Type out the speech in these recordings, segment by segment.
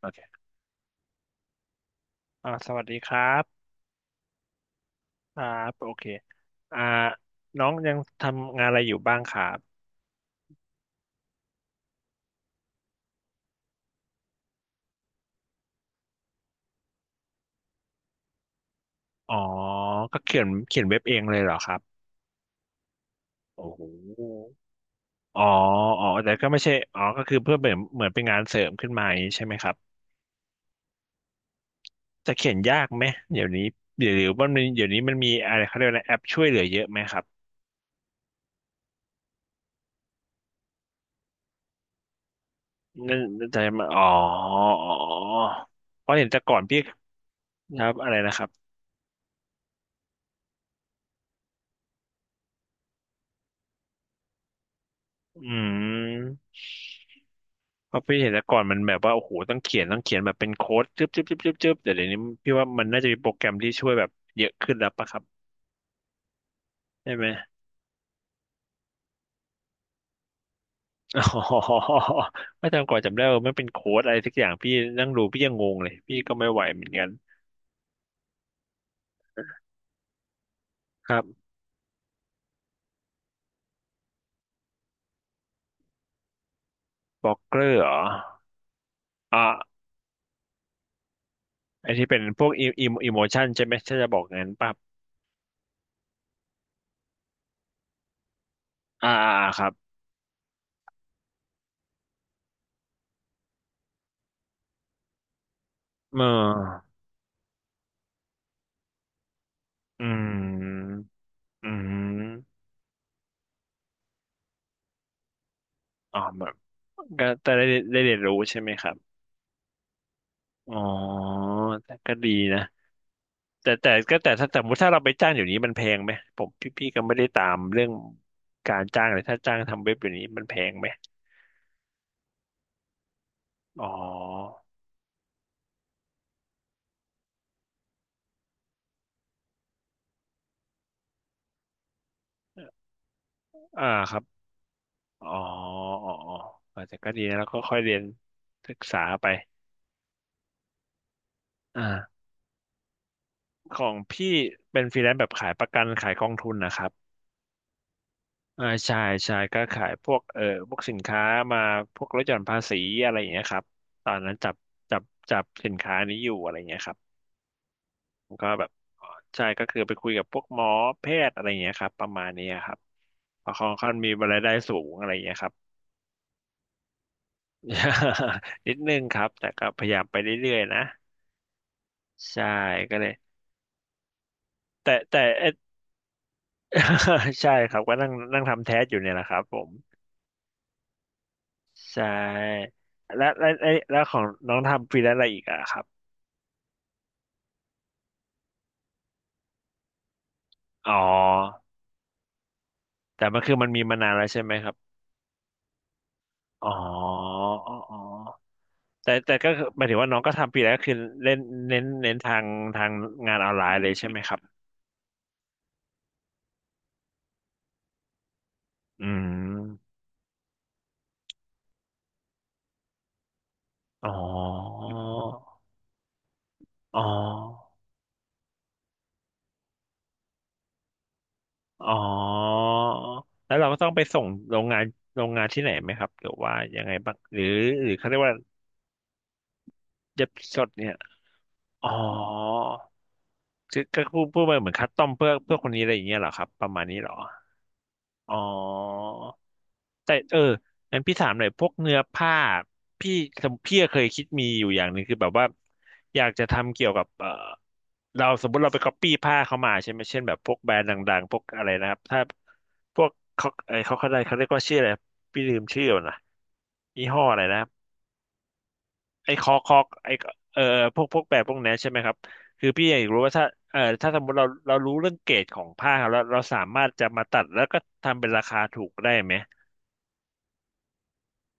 โอเคสวัสดีครับครับโอเคอ่าน้องยังทำงานอะไรอยู่บ้างครับ อ๋อ ก็เขียนเว็บเองเลยเหรอครับ โอ้โหอ๋ออ๋อแต่ก็ไม่ใช่อ๋อก็คือเพื่อเหมือนเป็นงานเสริมขึ้นมาอย่างนี้ใช่ไหมครับจะเขียนยากไหมเดี๋ยวนี้เดี๋ยวเดี๋ยว่ามันมีเดี๋ยวนี้มันมีอะไรเขาเรียกว่าอะไรแอปช่วยเหลือเยอะไหมครับนั่นจะมาอ๋อ อ๋อ เพราะเห็นแต่ก่อนพี่ครับ อะไรนะครับอืม เพราะพี่เห็นแต่ก่อนมันแบบว่าโอ้โหต้องเขียนแบบเป็นโค้ดจึ๊บจึ๊บจึ๊บจึ๊บจึ๊บแต่เดี๋ยวนี้พี่ว่ามันน่าจะมีโปรแกรมที่ช่วยแบบเยอะขึ้นแล้วปะครับใช่ไหม อ๋อไม่จำก่อนจำได้ว่ามันเป็นโค้ดอะไรสักอย่างพี่นั่งดูพี่ยังงงเลยพี่ก็ไม่ไหวเหมือนกันครับบล็อกเกอร์เหรออ่ะไอที่เป็นพวกอิมอิโมชันใช่ไหมถ้าจะบอกงั้นปั๊บอ่าอ่าครับเอออืมอืมอ๋อแบบก็แต่ได้ได้เรียนรู้ใช่ไหมครับอ๋อแต่ก็ดีนะ แต่แต่ก็แต่ถ้าแต่สมมติถ้าเราไปจ้างอยู่นี้มันแพงไหมผมพี่พี่ก็ไม่ได้ตามเรื่องการจ้างเลยถ้าจ้างทำเว็บอยู่นี้มันแพงไหมอ๋ออ่าครับอ๋ออ๋ออ๋อเออแต่ก็ดีนะแล้วก็ค่อยเรียนศึกษาไปอ่าของพี่เป็นฟรีแลนซ์แบบขายประกันขายกองทุนนะครับใช่ใช่ก็ขายพวกพวกสินค้ามาพวกลดหย่อนภาษีอะไรอย่างเงี้ยครับตอนนั้นจับจับสินค้านี้อยู่อะไรอย่างเงี้ยครับ ผมก็แบบเอ่อใช่ก็คือไปคุยกับพวกหมอแพทย์อะไรอย่างเงี้ยครับประมาณนี้ครับเพราะเของค่อนมีรายได้สูงอะไรอย่างเงี้ยครับ นิดนึงครับแต่ก็พยายามไปเรื่อยๆนะใช่ก็เลยแต่  ใช่ครับก็นั่งนั่งทำแท้สอยู่เนี่ยแหละครับผมใช่และแล้วของน้องทำฟรีแลนซ์อะไรอีกอะครับอ๋อแต่มันคือมันมีมานานแล้วใช่ไหมครับอ๋ออ๋ออ๋อ แต่แต่ก็คือหมายถึงว่าน้องก็ทำปีแล้วก็คือเล่นเน้นทางทางงานออนไลน์เลยใช่ไหมครับอืมอ๋ออ๋ออ๋อแล้วเราก็ต้องไปส่งโรงงานโรงงานที่ไหนไหมครับหรือว่ายังไงบ้างหรือหรือเขาเรียกว่าเย็บสดเนี่ยอ๋อคือก็พูดไปเหมือนคัสตอมเพื่อคนนี้อะไรอย่างเงี้ยเหรอครับประมาณนี้เหรออ๋อ แต่งั้นพี่ถามหน่อยพวกเนื้อผ้าพี่สมพี่เคยคิดมีอยู่อย่างหนึ่งคือแบบว่าอยากจะทำเกี่ยวกับเราสมมติเราไปก๊อปปี้ผ้าเขามาใช่ไหมเช่นแบบพวกแบรนด์ดังๆพวกอะไรนะครับถ้าพวกเขาไอเขาเขาได้เขาเรียกว่าชื่ออะไรพี่ลืมชื่อแล้วนะยี่ห้ออะไรนะไอคอกไอเออพวกพวกแบรนด์พวกนั้นใช่ไหมครับคือพี่อยากรู้ว่าถ้าถ้าสมมติเราเรารู้เรื่องเกรดของผ้าแล้วเราสามารถจะมาตัดแล้วก็ทำเป็นราคาถูกได้ไหม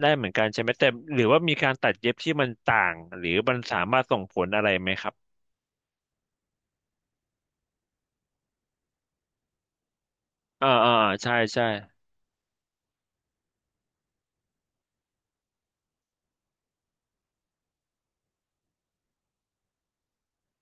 ได้เหมือนกันใช่ไหมแต่หรือว่ามีการตัดเย็บที่มันต่างหรือมันสามารถส่งผลอะไรไหมครับอ่าอ่าใช่ใช่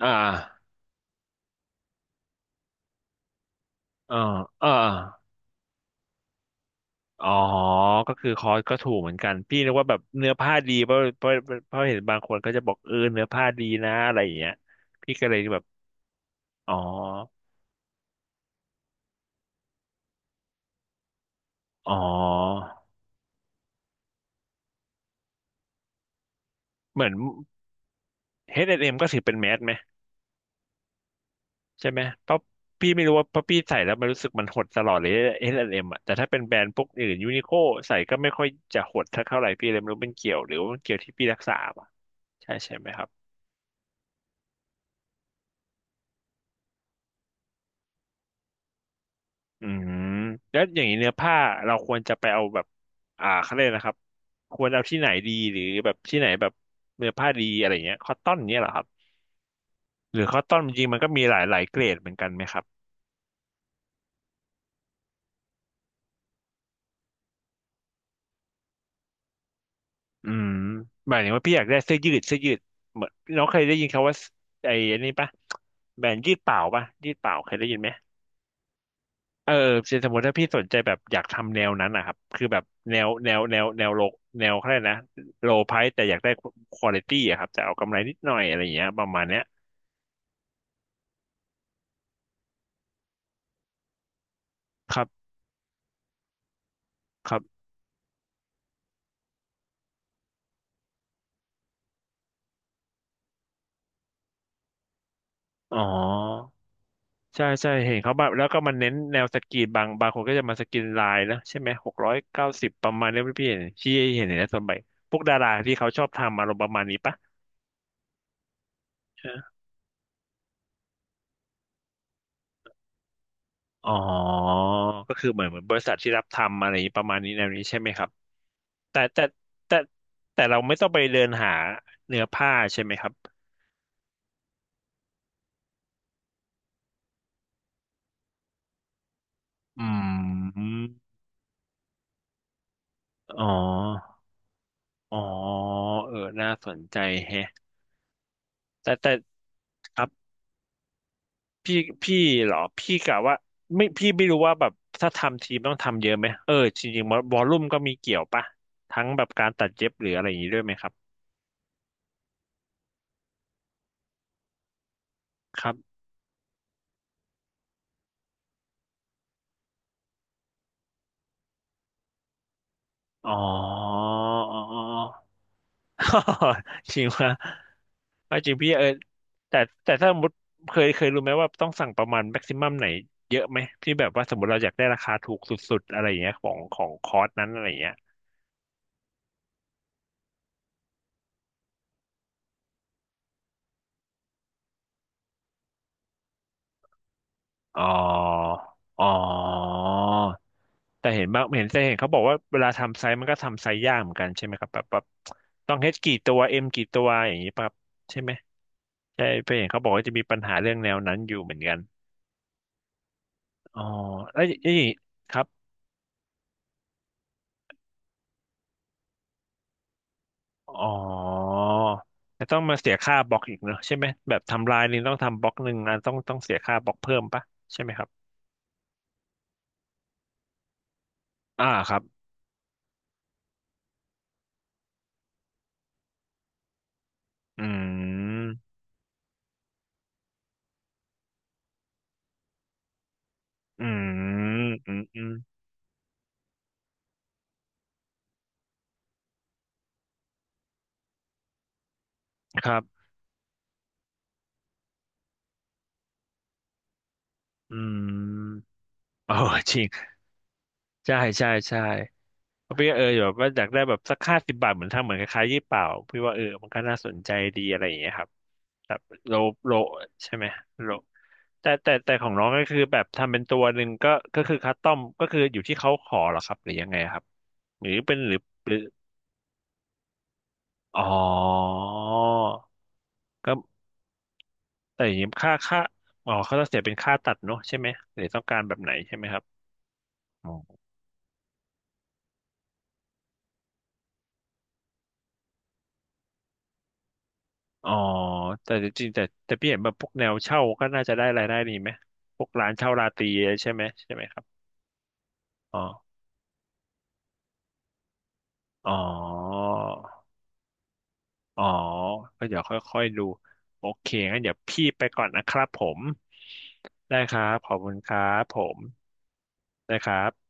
อ่าอ่าอ่าอ๋อก็คือคอสก็ถูกเหมือนกันพี่นึกว่าแบบเนื้อผ้าดีเพราะเพราะเห็นบางคนก็จะบอกเนื้อผ้าดีนะอะไรอย่างเงี้ยพี่ก็เลยแบบอ๋ออ๋อเหมือนเอชแอนด์เอ็มก็ถือเป็นแมสไหม ใช่ไหมเพราะพี่ไม่รู้ว่าเพราะพี่ใส่แล้วมันรู้สึกมันหดตลอดเลย H&M อสแอนด์เอ็มอ่ะแต่ถ้าเป็นแบรนด์พวกอื่นยูนิโคใส่ก็ไม่ค่อยจะหดเท่าไหร่พี่เลยไม่รู้เป็นเกี่ยวหรือว่ามันเกี่ยวที่พี่รักษาป่ะใช่ใช่ไหมครับอืมแล้วอย่างนี้เนื้อผ้าเราควรจะไปเอาแบบเขาเรียกนะครับควรเอาที่ไหนดีหรือแบบที่ไหนแบบเนื้อผ้าดีอะไรเงี้ยคอตตอนเนี้ยเหรอครับหรือคอตตอนจริงๆมันก็มีหลายเกรดเหมือนกันไหมครับ อืมหมายถึงว่าพี่อยากได้เสื้อยืดเหมือนน้องเคยได้ยินคำว่าไอ้อันนี้ปะแบรนด์ยืดเปล่าปะยืดเปล่าเคยได้ยินไหมเออเช่นสมมติถ้าพี่สนใจแบบอยากทำแนวนั้นนะครับคือแบบแนวแนวแนวแนวโลแนวเขาเรียกนะโลไพรส์แต่อยากได้ควอลิตี้อะครับแต่เอากำไรนิดหน่อยอะไรอย่างเงี้ยประมาณเนี้ยครับครับอ๋อ ใช่ใช่เห็นเขาแบบแล้วก็มันเน้นแนวสกรีนบางคนก็จะมาสกรีนลายนะใช่ไหม690ประมาณนี้พี่เห็นที่เห็นในส่วนใหญ่พวกดาราที่เขาชอบทำอารมณ์ประมาณนี้ปะใช่อ๋อก็คือเหมือนบริษัทที่รับทำอะไรอย่างนี้ประมาณนี้แนวนี้ใช่ไหมครับแต่แต่แต่แต่เราไม่ต้องไปเดินหาเนื้อผ้าใช่ไหมครับอืมอ๋ออ๋อเออน่าสนใจแฮะแต่แต่ครับ พี่พี่เหรอพี่กะว่าไม่พี่ไม่รู้ว่าแบบถ้าทำทีมต้องทำเยอะไหมเออจริงๆวอลลุ่มก็มีเกี่ยวปะทั้งแบบการตัดเย็บหรืออะไรอย่างนี้ด้วยไหมครับครับอ๋อ อ๋ออ๋อ จริงว่าจริงพี่เออแต่แต่ถ้าสมมติเคยรู้ไหมว่าต้องสั่งประมาณแม็กซิมัมไหนเยอะไหมที่แบบว่าสมมติเราอยากได้ราคาถูกสุดๆอะไรอย่างเงี้ยของคอร์สนั้นอะไรอย่างเงี้ยอ๋ออ๋อ แต่เห็นบางเห็นแต่เห็นเขาบอกว่าเวลาทำไซส์มันก็ทำไซส์ยากเหมือนกันใช่ไหมครับแบบต้องเฮดกี่ตัวเอ็มกี่ตัวอย่างนี้ปะครับใช่ไหมใช่ไปเห็นเขาบอกว่าจะมีปัญหาเรื่องแนวนั้นอยู่เหมือนกันอ๋อแล้วนี่ครับอ๋อแต่ต้องมาเสียค่าบล็อกอีกเนอะใช่ไหมแบบทำลายนี่ต้องทำบล็อกหนึ่งอันต้องเสียค่าบล็อกเพิ่มปะใช่ไหมครับอ่าครับอืมอืมอืมอืมครับอืมโอ้จริงใช่ใช่ใช่ พี่ก็เออแบบว่าอยากได้แบบสัก50 บาทเหมือนทำเหมือนคล้ายๆยี่เป่าพี่ว่าเออมันก็น่าสนใจดีอะไรอย่างเงี้ยครับแบบโลโลใช่ไหมโลแต่ของน้องก็คือแบบทำเป็นตัวหนึ่งก็ก็คือคัสตอมก็คืออยู่ที่เขาขอเหรอครับหรือยังไงครับหรือเป็นหรืออ๋อก็แต่อย่างนี้ค่าอ๋อเขาจะเสียเป็นค่าตัดเนอะใช่ไหมหรือต้องการแบบไหนใช่ไหมครับ อ๋อแต่จริงๆแต่แต่พี่เห็นแบบพวกแนวเช่าก็น่าจะได้รายได้ดีไหมพวกร้านเช่าราตรีใช่ไหมใช่ไหมครับอ๋ออ๋ออ๋อก็เดี๋ยวค่อยๆดูโอเคงั้นเดี๋ยวพี่ไปก่อนนะครับผมได้ครับขอบคุณครับผมได้ครับ